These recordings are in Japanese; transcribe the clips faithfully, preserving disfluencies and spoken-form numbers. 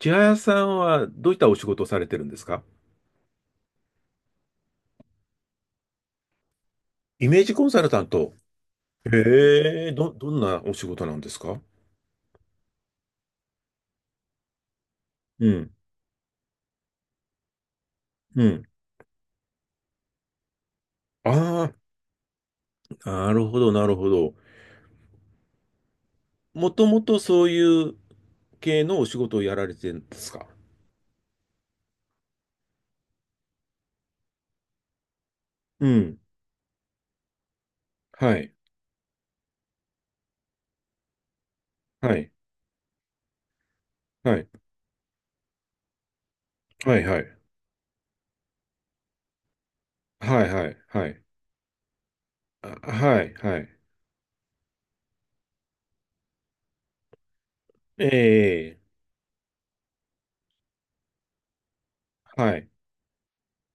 千早さんはどういったお仕事をされてるんですか？イメージコンサルタント。へえ、ど、どんなお仕事なんですか？うん、うん。ああ、なるほど、なるほど。もともとそういう系のお仕事をやられてるんですか？うん。はい、はい、はい、はい、はい、はい、はい、はい、あ、はい、はい。ええ、はい、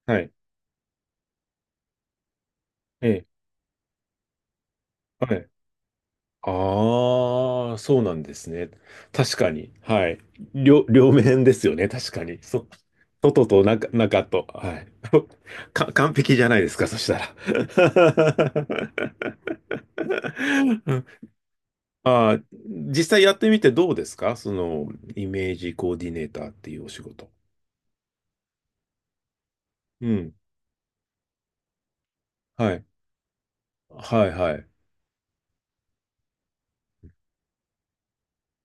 はい、ええ、はい。ああ、そうなんですね。確かに。はい。両、両面ですよね。確かに。そ、外と中、中と。はい。か、完璧じゃないですか、そしたら。ああ、実際やってみてどうですか、その、イメージコーディネーターっていうお仕事。うん。はい。はい、はい。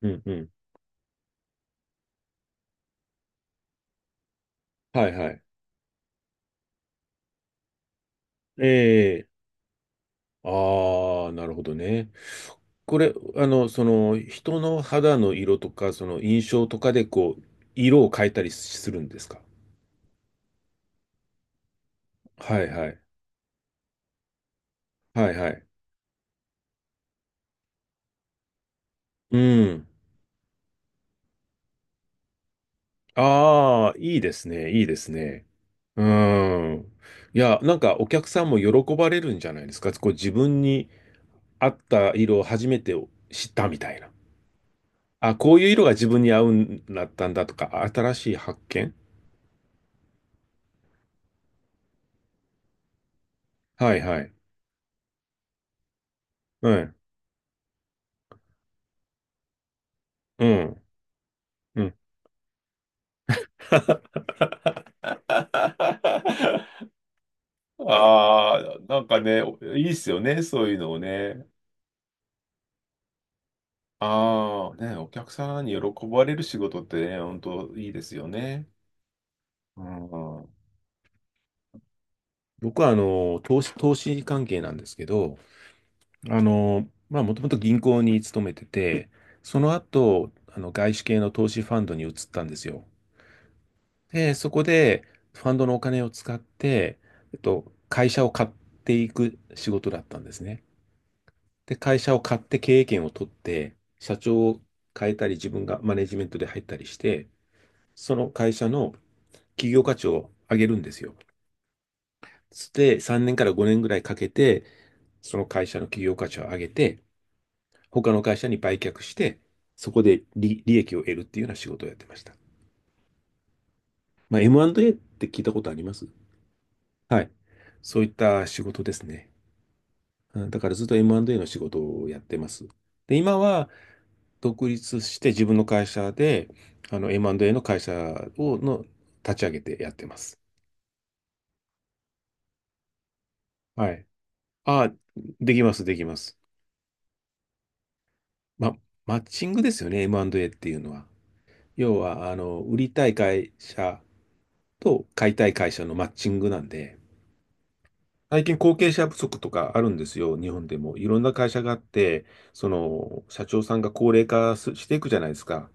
うん、うん。はい、はい。ええ。ああ、なるほどね。これ、あの、その、人の肌の色とか、その印象とかで、こう、色を変えたりするんですか？はいはい。はいはい。うん。ああ、いいですね。いいですね。うん。いや、なんかお客さんも喜ばれるんじゃないですか。こう自分に合った色を初めて知ったみたいな。あ、こういう色が自分に合うんだったんだとか、新しい発見。はいはい。うん。うん。うん。ああ、なんかね、おいいっすよね、そういうのをね。ああ、ね、お客さんに喜ばれる仕事ってね、本当いいですよね。うん。僕はあの投資、投資関係なんですけど、あの、まあ、もともと銀行に勤めてて、その後、あの外資系の投資ファンドに移ったんですよ。で、そこでファンドのお金を使って、えっと、会社を買っていく仕事だったんですね。で、会社を買って経営権を取って、社長を変えたり、自分がマネジメントで入ったりして、その会社の企業価値を上げるんですよ。で、さんねんからごねんぐらいかけて、その会社の企業価値を上げて、他の会社に売却して、そこで利、利益を得るっていうような仕事をやってました。まあ、エムアンドエー って聞いたことあります？はい。そういった仕事ですね。うん、だからずっと エムアンドエー の仕事をやってます。で、今は独立して自分の会社で、あの エムアンドエー の会社を、の立ち上げてやってます。はい。あ、できます、できます。ま、マッチングですよね、エムアンドエー っていうのは。要は、あの、売りたい会社と買いたい会社のマッチングなんで、最近後継者不足とかあるんですよ、日本でも。いろんな会社があって、その、社長さんが高齢化すしていくじゃないですか。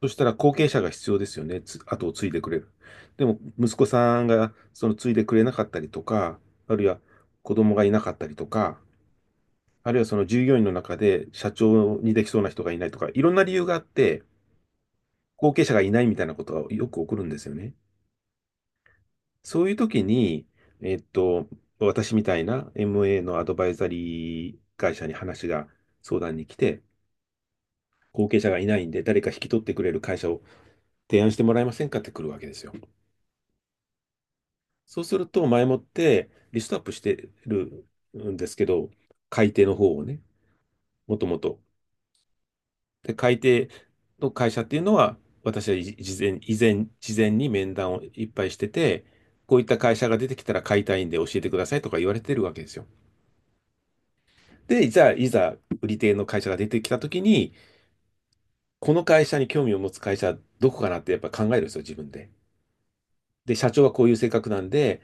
そしたら後継者が必要ですよね。つ、後を継いでくれる。でも、息子さんがその継いでくれなかったりとか、あるいは子供がいなかったりとか、あるいはその従業員の中で社長にできそうな人がいないとか、いろんな理由があって、後継者がいないみたいなことがよく起こるんですよね。そういう時に、えっと、私みたいな エムエー のアドバイザリー会社に話が相談に来て、後継者がいないんで誰か引き取ってくれる会社を提案してもらえませんかって来るわけですよ。そうすると、前もってリストアップしてるんですけど、改定の方をね、もともと。で、改定の会社っていうのは、私はい事前、以前、事前に面談をいっぱいしてて、こういった会社が出てきたら買いたいんで教えてくださいとか言われてるわけですよ。で、じゃあ、いざ売り手の会社が出てきたときに、この会社に興味を持つ会社、どこかなってやっぱ考えるんですよ、自分で。で、社長はこういう性格なんで、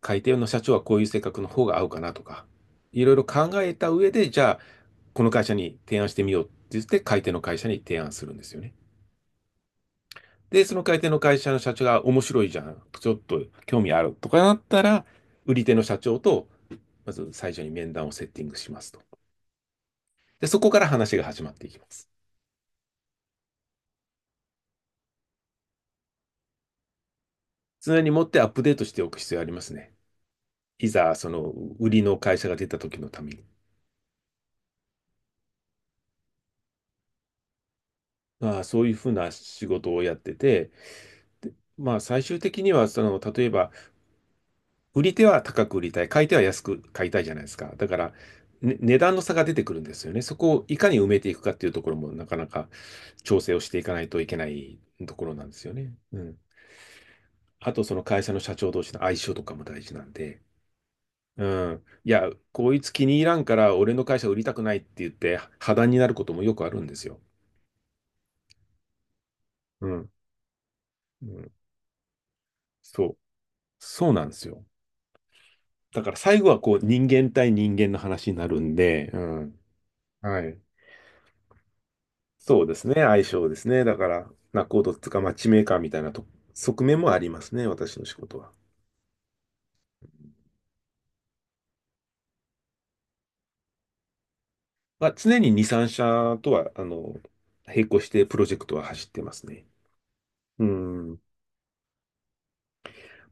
改定の社長はこういう性格の方が合うかなとか。いろいろ考えた上で、じゃあ、この会社に提案してみようって言って、買い手の会社に提案するんですよね。で、その買い手の会社の社長が面白いじゃん、ちょっと興味あるとかなったら、売り手の社長と、まず最初に面談をセッティングしますと。で、そこから話が始まっていきます。常に持ってアップデートしておく必要ありますね。いざ、その売りの会社が出た時のために。まあ、そういうふうな仕事をやってて、まあ、最終的には、その、例えば、売り手は高く売りたい、買い手は安く買いたいじゃないですか。だから、ね、値段の差が出てくるんですよね。そこをいかに埋めていくかっていうところも、なかなか調整をしていかないといけないところなんですよね。うん。あと、その会社の社長同士の相性とかも大事なんで、うん。いや、こいつ気に入らんから、俺の会社売りたくないって言って、破談になることもよくあるんですよ。うん。うん。そう。そうなんですよ。だから最後はこう人間対人間の話になるんで、うん。はい。そうですね、相性ですね。だから、ナコードっつうか、マッチメーカーみたいなと側面もありますね、私の仕事は。まあ、常にに、さんしゃ社とは、あの、並行してプロジェクトは走ってますね。うん。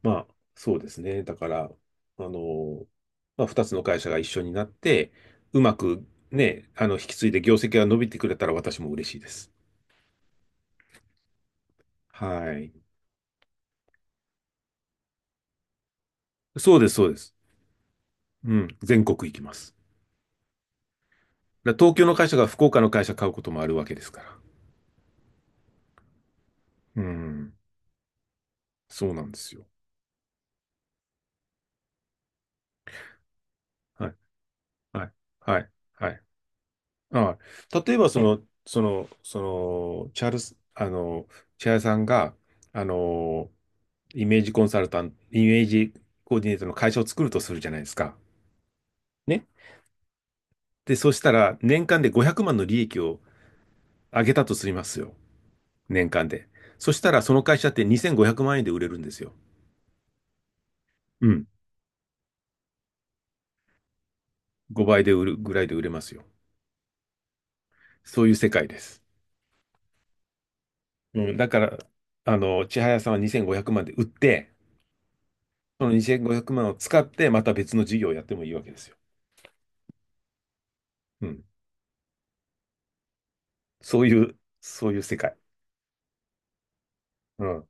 まあ、そうですね。だから、あの、まあ、ふたつの会社が一緒になって、うまくね、あの、引き継いで業績が伸びてくれたら私も嬉しいです。はい。そうです、そうです。うん。全国行きます。だから東京の会社が福岡の会社買うこともあるわけですから。うん。そうなんですよ。はい。はい。はい。はい。ああ、例えば、その、その、その、チャールス、あの、チャールさんが、あの、イメージコンサルタント、イメージコーディネートの会社を作るとするじゃないですか。ね。で、そしたら、年間でごひゃくまんの利益を上げたとしますよ。年間で。そしたら、その会社ってにせんごひゃくまん円で売れるんですよ。うん。ごばいで売るぐらいで売れますよ。そういう世界です。うん。だから、あの、千早さんはにせんごひゃくまんで売って、そのにせんごひゃくまんを使って、また別の事業をやってもいいわけですよ。うん。そういう、そういう世界。うん。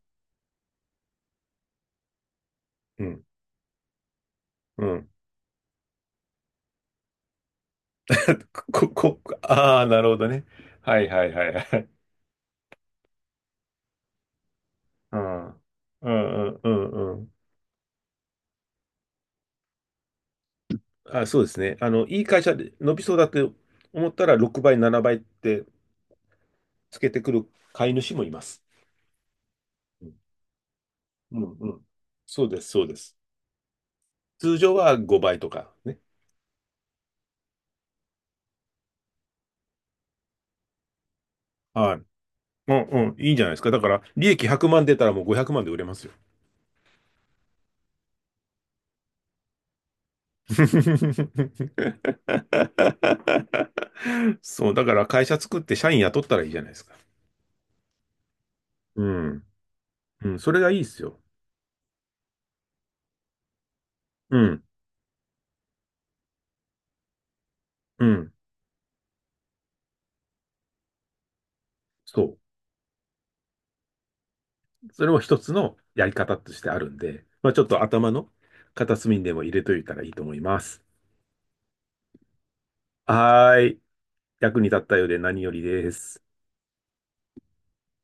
うん。うん。こ、こ、こああ、なるほどね。はいはいはいはい。うん。うんうんうんうん。あ、そうですね。あの、いい会社で伸びそうだって思ったら、ろくばい、ななばいってつけてくる買い主もいます。うんうんうん。そうです、そうです。通常はごばいとかね。はい。うんうん。いいんじゃないですか。だから、利益ひゃくまん出たらもうごひゃくまんで売れますよ。そう、だから会社作って社員雇ったらいいじゃないですか。うん。うん、それがいいですよ。うん。うん。そう。それも一つのやり方としてあるんで、まあちょっと頭の片隅にでも入れといたらいいと思います。はーい。役に立ったようで何よりです。